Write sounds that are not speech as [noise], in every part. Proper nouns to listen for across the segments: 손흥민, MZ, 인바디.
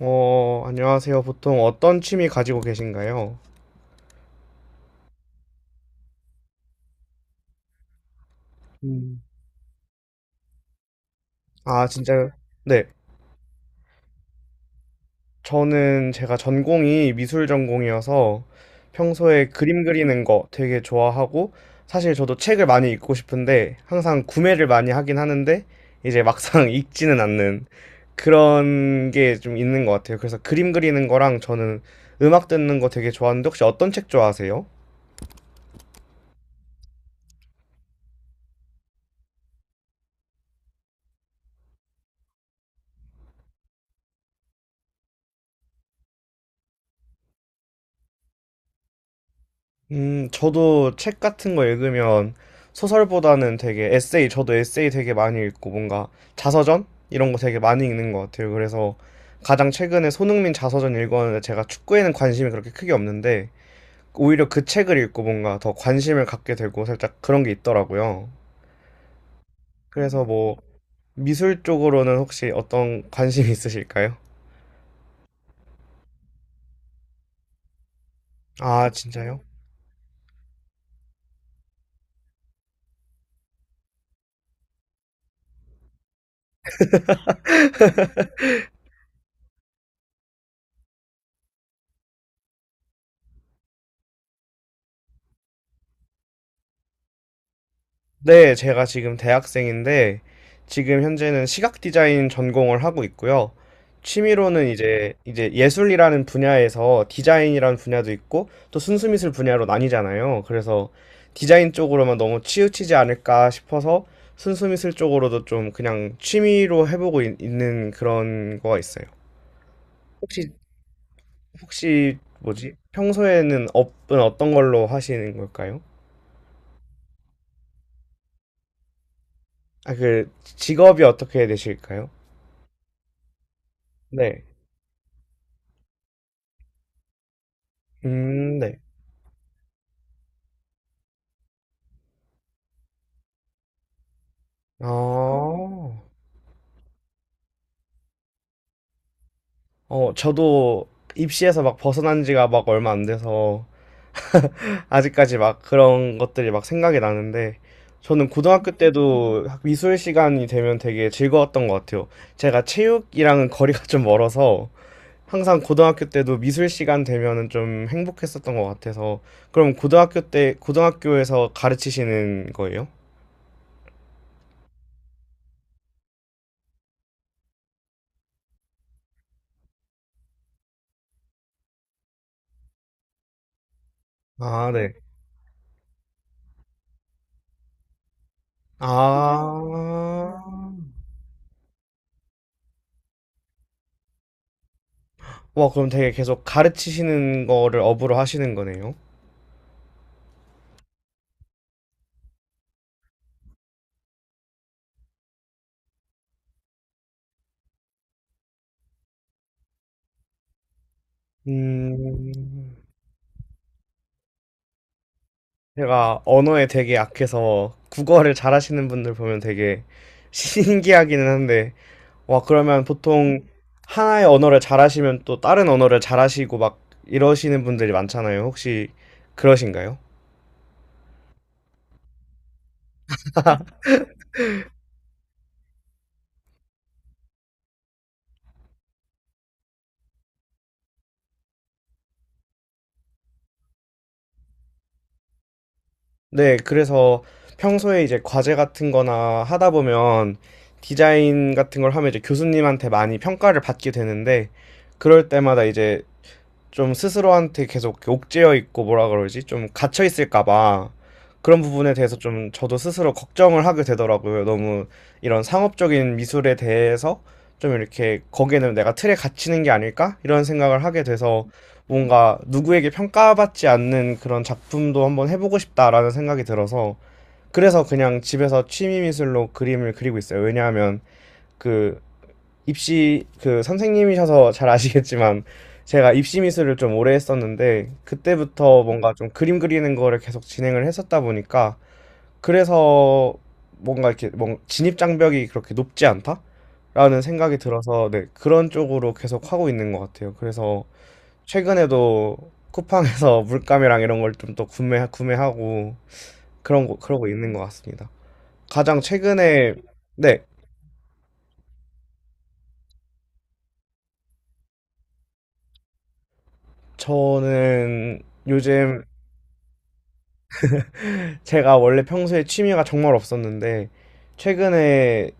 안녕하세요. 보통 어떤 취미 가지고 계신가요? 음, 아, 진짜, 네. 저는 제가 전공이 미술 전공이어서 평소에 그림 그리는 거 되게 좋아하고, 사실 저도 책을 많이 읽고 싶은데, 항상 구매를 많이 하긴 하는데, 이제 막상 [laughs] 읽지는 않는 그런 게 좀 있는 것 같아요. 그래서 그림 그리는 거랑 저는 음악 듣는 거 되게 좋아하는데, 혹시 어떤 책 좋아하세요? 저도 책 같은 거 읽으면 소설보다는 되게 에세이, 저도 에세이 되게 많이 읽고 뭔가 자서전? 이런 거 되게 많이 읽는 것 같아요. 그래서 가장 최근에 손흥민 자서전 읽었는데 제가 축구에는 관심이 그렇게 크게 없는데 오히려 그 책을 읽고 뭔가 더 관심을 갖게 되고 살짝 그런 게 있더라고요. 그래서 뭐 미술 쪽으로는 혹시 어떤 관심이 있으실까요? 아, 진짜요? 네, 제가 지금 대학생인데, 지금 현재는 시각 디자인 전공을 하고 있고요. 취미로는 이제 예술이라는 분야에서 디자인이라는 분야도 있고, 또 순수미술 분야로 나뉘잖아요. 그래서 디자인 쪽으로만 너무 치우치지 않을까 싶어서 순수미술 쪽으로도 좀 그냥 취미로 해보고 있, 는 그런 거가 있어요. 혹시, 혹시 뭐지? 평소에는 업은 어떤 걸로 하시는 걸까요? 아, 그 직업이 어떻게 되실까요? 네. 네. 어, 저도 입시에서 막 벗어난 지가 막 얼마 안 돼서 아직까지 막 그런 것들이 막 생각이 나는데 저는 고등학교 때도 미술 시간이 되면 되게 즐거웠던 것 같아요. 제가 체육이랑은 거리가 [laughs] 좀 멀어서 항상 고등학교 때도 미술 시간 되면은 좀 행복했었던 것 같아서 그럼 고등학교 때 고등학교에서 가르치시는 거예요? 아, 네. 아, 와, 그럼 되게 계속 가르치시는 거를 업으로 하시는 거네요. 음, 제가 언어에 되게 약해서 국어를 잘하시는 분들 보면 되게 [laughs] 신기하기는 한데, 와, 그러면 보통 하나의 언어를 잘하시면 또 다른 언어를 잘하시고 막 이러시는 분들이 많잖아요. 혹시 그러신가요? 네, 그래서 평소에 이제 과제 같은 거나 하다 보면 디자인 같은 걸 하면 이제 교수님한테 많이 평가를 받게 되는데, 그럴 때마다 이제 좀 스스로한테 계속 옥죄어 있고 뭐라 그러지? 좀 갇혀 있을까봐 그런 부분에 대해서 좀 저도 스스로 걱정을 하게 되더라고요. 너무 이런 상업적인 미술에 대해서 좀 이렇게 거기에는 내가 틀에 갇히는 게 아닐까? 이런 생각을 하게 돼서 뭔가 누구에게 평가받지 않는 그런 작품도 한번 해보고 싶다라는 생각이 들어서 그래서 그냥 집에서 취미 미술로 그림을 그리고 있어요. 왜냐하면 그 입시 그 선생님이셔서 잘 아시겠지만 제가 입시 미술을 좀 오래 했었는데 그때부터 뭔가 좀 그림 그리는 거를 계속 진행을 했었다 보니까 그래서 뭔가 이렇게 뭔 진입 장벽이 그렇게 높지 않다라는 생각이 들어서 네, 그런 쪽으로 계속 하고 있는 것 같아요. 그래서 최근에도 쿠팡에서 [laughs] 물감이랑 이런 걸 좀 또 구매하고 그런 거 그러고 있는 것 같습니다. 가장 최근에 네, 저는 요즘 제가 원래 평소에 취미가 정말 없었는데 최근에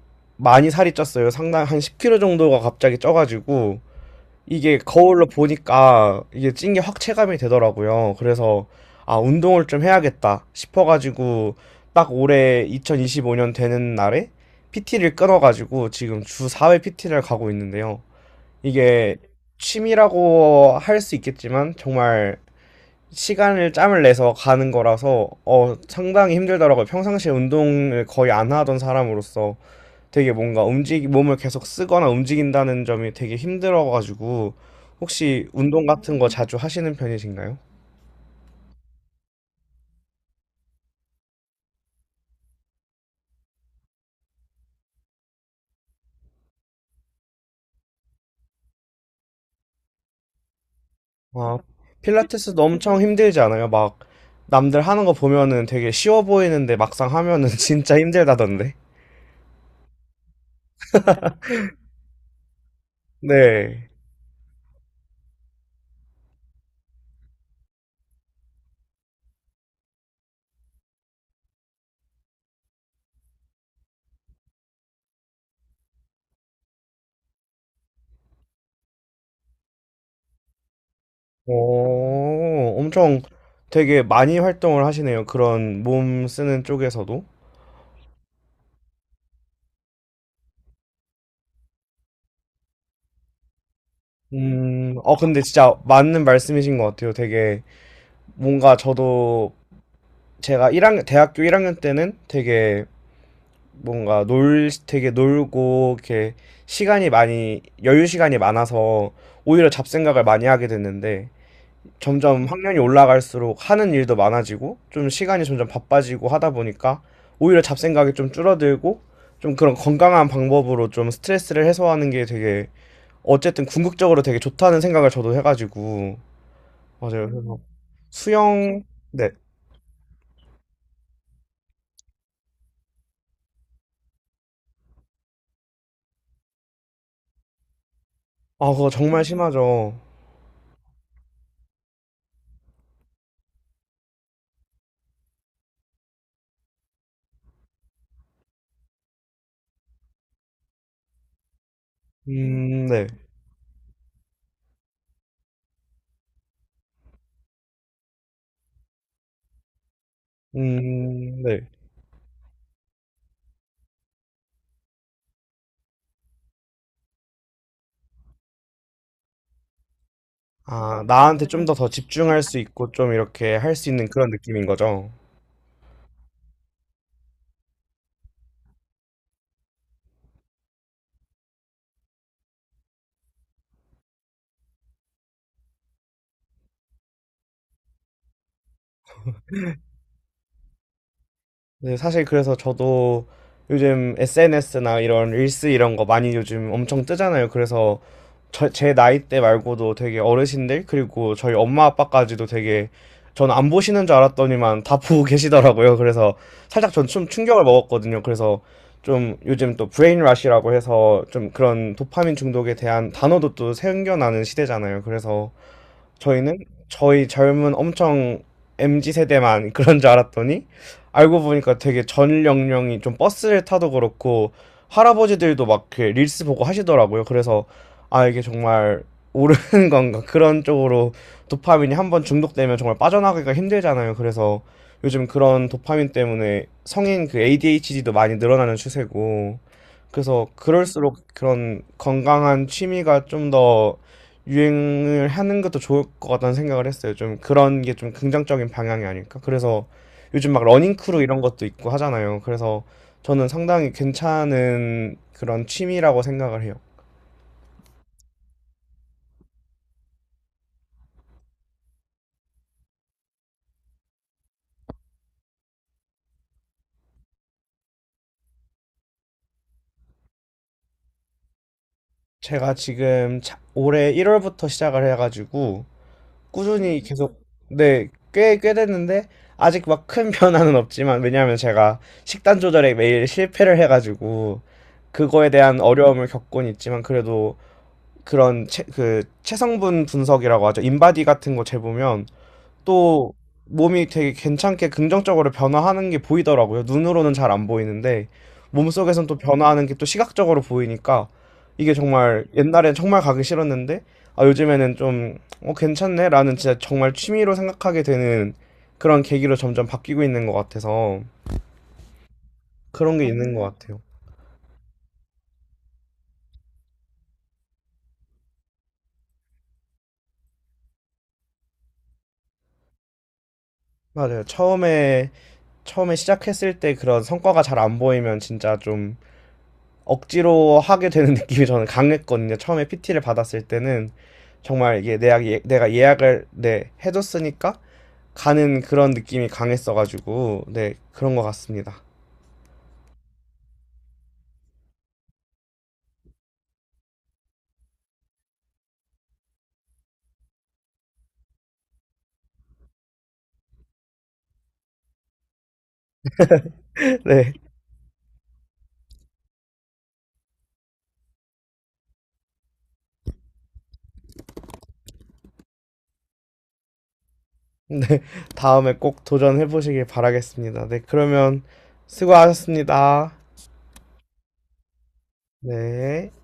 많이 살이 쪘어요. 상당 한 10kg 정도가 갑자기 쪄가지고 이게 거울로 보니까 이게 찐게 확 체감이 되더라고요. 그래서 아 운동을 좀 해야겠다 싶어가지고 딱 올해 2025년 되는 날에 PT를 끊어가지고 지금 주 4회 PT를 가고 있는데요. 이게 취미라고 할 수 있겠지만 정말 시간을 짬을 내서 가는 거라서 상당히 힘들더라고요. 평상시에 운동을 거의 안 하던 사람으로서 되게 뭔가 움직 몸을 계속 쓰거나 움직인다는 점이 되게 힘들어가지고 혹시 운동 같은 거 자주 하시는 편이신가요? 아, 필라테스도 엄청 힘들지 않아요? 막 남들 하는 거 보면은 되게 쉬워 보이는데 막상 하면은 [laughs] 진짜 힘들다던데. 네. 오, 엄청 되게 많이 활동을 하시네요. 그런 몸 쓰는 쪽에서도. 근데 진짜 맞는 말씀이신 것 같아요. 되게 뭔가 저도 제가 일 학년 대학교 1학년 때는 되게 뭔가 되게 놀고 이렇게 여유 시간이 많아서 오히려 잡생각을 많이 하게 됐는데 점점 학년이 올라갈수록 하는 일도 많아지고 좀 시간이 점점 바빠지고 하다 보니까 오히려 잡생각이 좀 줄어들고 좀 그런 건강한 방법으로 좀 스트레스를 해소하는 게 되게 어쨌든 궁극적으로 되게 좋다는 생각을 저도 해가지고 맞아요. 그래서 수영, 네. 아, 그거 정말 심하죠. 네. 네. 아, 나한테 좀 더 더 집중할 수 있고 좀 이렇게 할 수 있는 그런 느낌인 거죠. 네, 사실 그래서 저도 요즘 SNS나 이런 릴스 이런 거 많이 요즘 엄청 뜨잖아요. 그래서 제 나이 때 말고도 되게 어르신들, 그리고 저희 엄마 아빠까지도 되게 저는 안 보시는 줄 알았더니만 다 보고 [laughs] 계시더라고요. 그래서 살짝 전 좀 충격을 먹었거든요. 그래서 좀 요즘 또 브레인 러시라고 해서 좀 그런 도파민 중독에 대한 단어도 또 생겨나는 시대잖아요. 그래서 저희는 저희 젊은 엄청 MZ 세대만 [laughs] 그런 줄 알았더니 알고 보니까 되게 전 연령이 좀 버스를 타도 그렇고 할아버지들도 막 그 릴스 보고 하시더라고요. 그래서 아 이게 정말 오르는 [laughs] 건가 그런 쪽으로 도파민이 한번 중독되면 정말 빠져나가기가 힘들잖아요. 그래서 요즘 그런 도파민 때문에 성인 그 ADHD도 많이 늘어나는 추세고 그래서 그럴수록 그런 건강한 취미가 좀더 유행을 하는 것도 좋을 것 같다는 생각을 했어요. 좀 그런 게 좀 긍정적인 방향이 아닐까? 그래서 요즘 막 러닝 크루 이런 것도 있고 하잖아요. 그래서 저는 상당히 괜찮은 그런 취미라고 생각을 해요. 제가 지금 올해 1월부터 시작을 해가지고 꾸준히 계속 네, 꽤, 꽤 됐는데 아직 막 큰 [laughs] 변화는 없지만 왜냐하면 제가 식단 조절에 매일 실패를 해가지고 그거에 대한 어려움을 겪곤 있지만 그래도 그런 체, 그 체성분 분석이라고 하죠. 인바디 같은 거 재보면 또 몸이 되게 괜찮게 긍정적으로 변화하는 게 보이더라고요. 눈으로는 잘 안 보이는데 몸속에선 또 변화하는 게 또 시각적으로 보이니까 이게 정말 옛날엔 정말 가기 싫었는데 아 요즘에는 좀 괜찮네 라는 진짜 정말 취미로 생각하게 되는 그런 계기로 점점 바뀌고 있는 것 같아서 그런 게 있는 것 같아요. 맞아요. 처음에 시작했을 때 그런 성과가 잘 안 보이면 진짜 좀 억지로 하게 되는 [laughs] 느낌이 저는 강했거든요. 처음에 PT를 받았을 때는 정말 이게 내가, 예, 내가 예약을 네, 해줬으니까 가는 그런 느낌이 강했어가지고 네 그런 것 같습니다. [laughs] 네, 네 다음에 꼭 도전해 보시길 바라겠습니다. 네 그러면 수고하셨습니다. 네.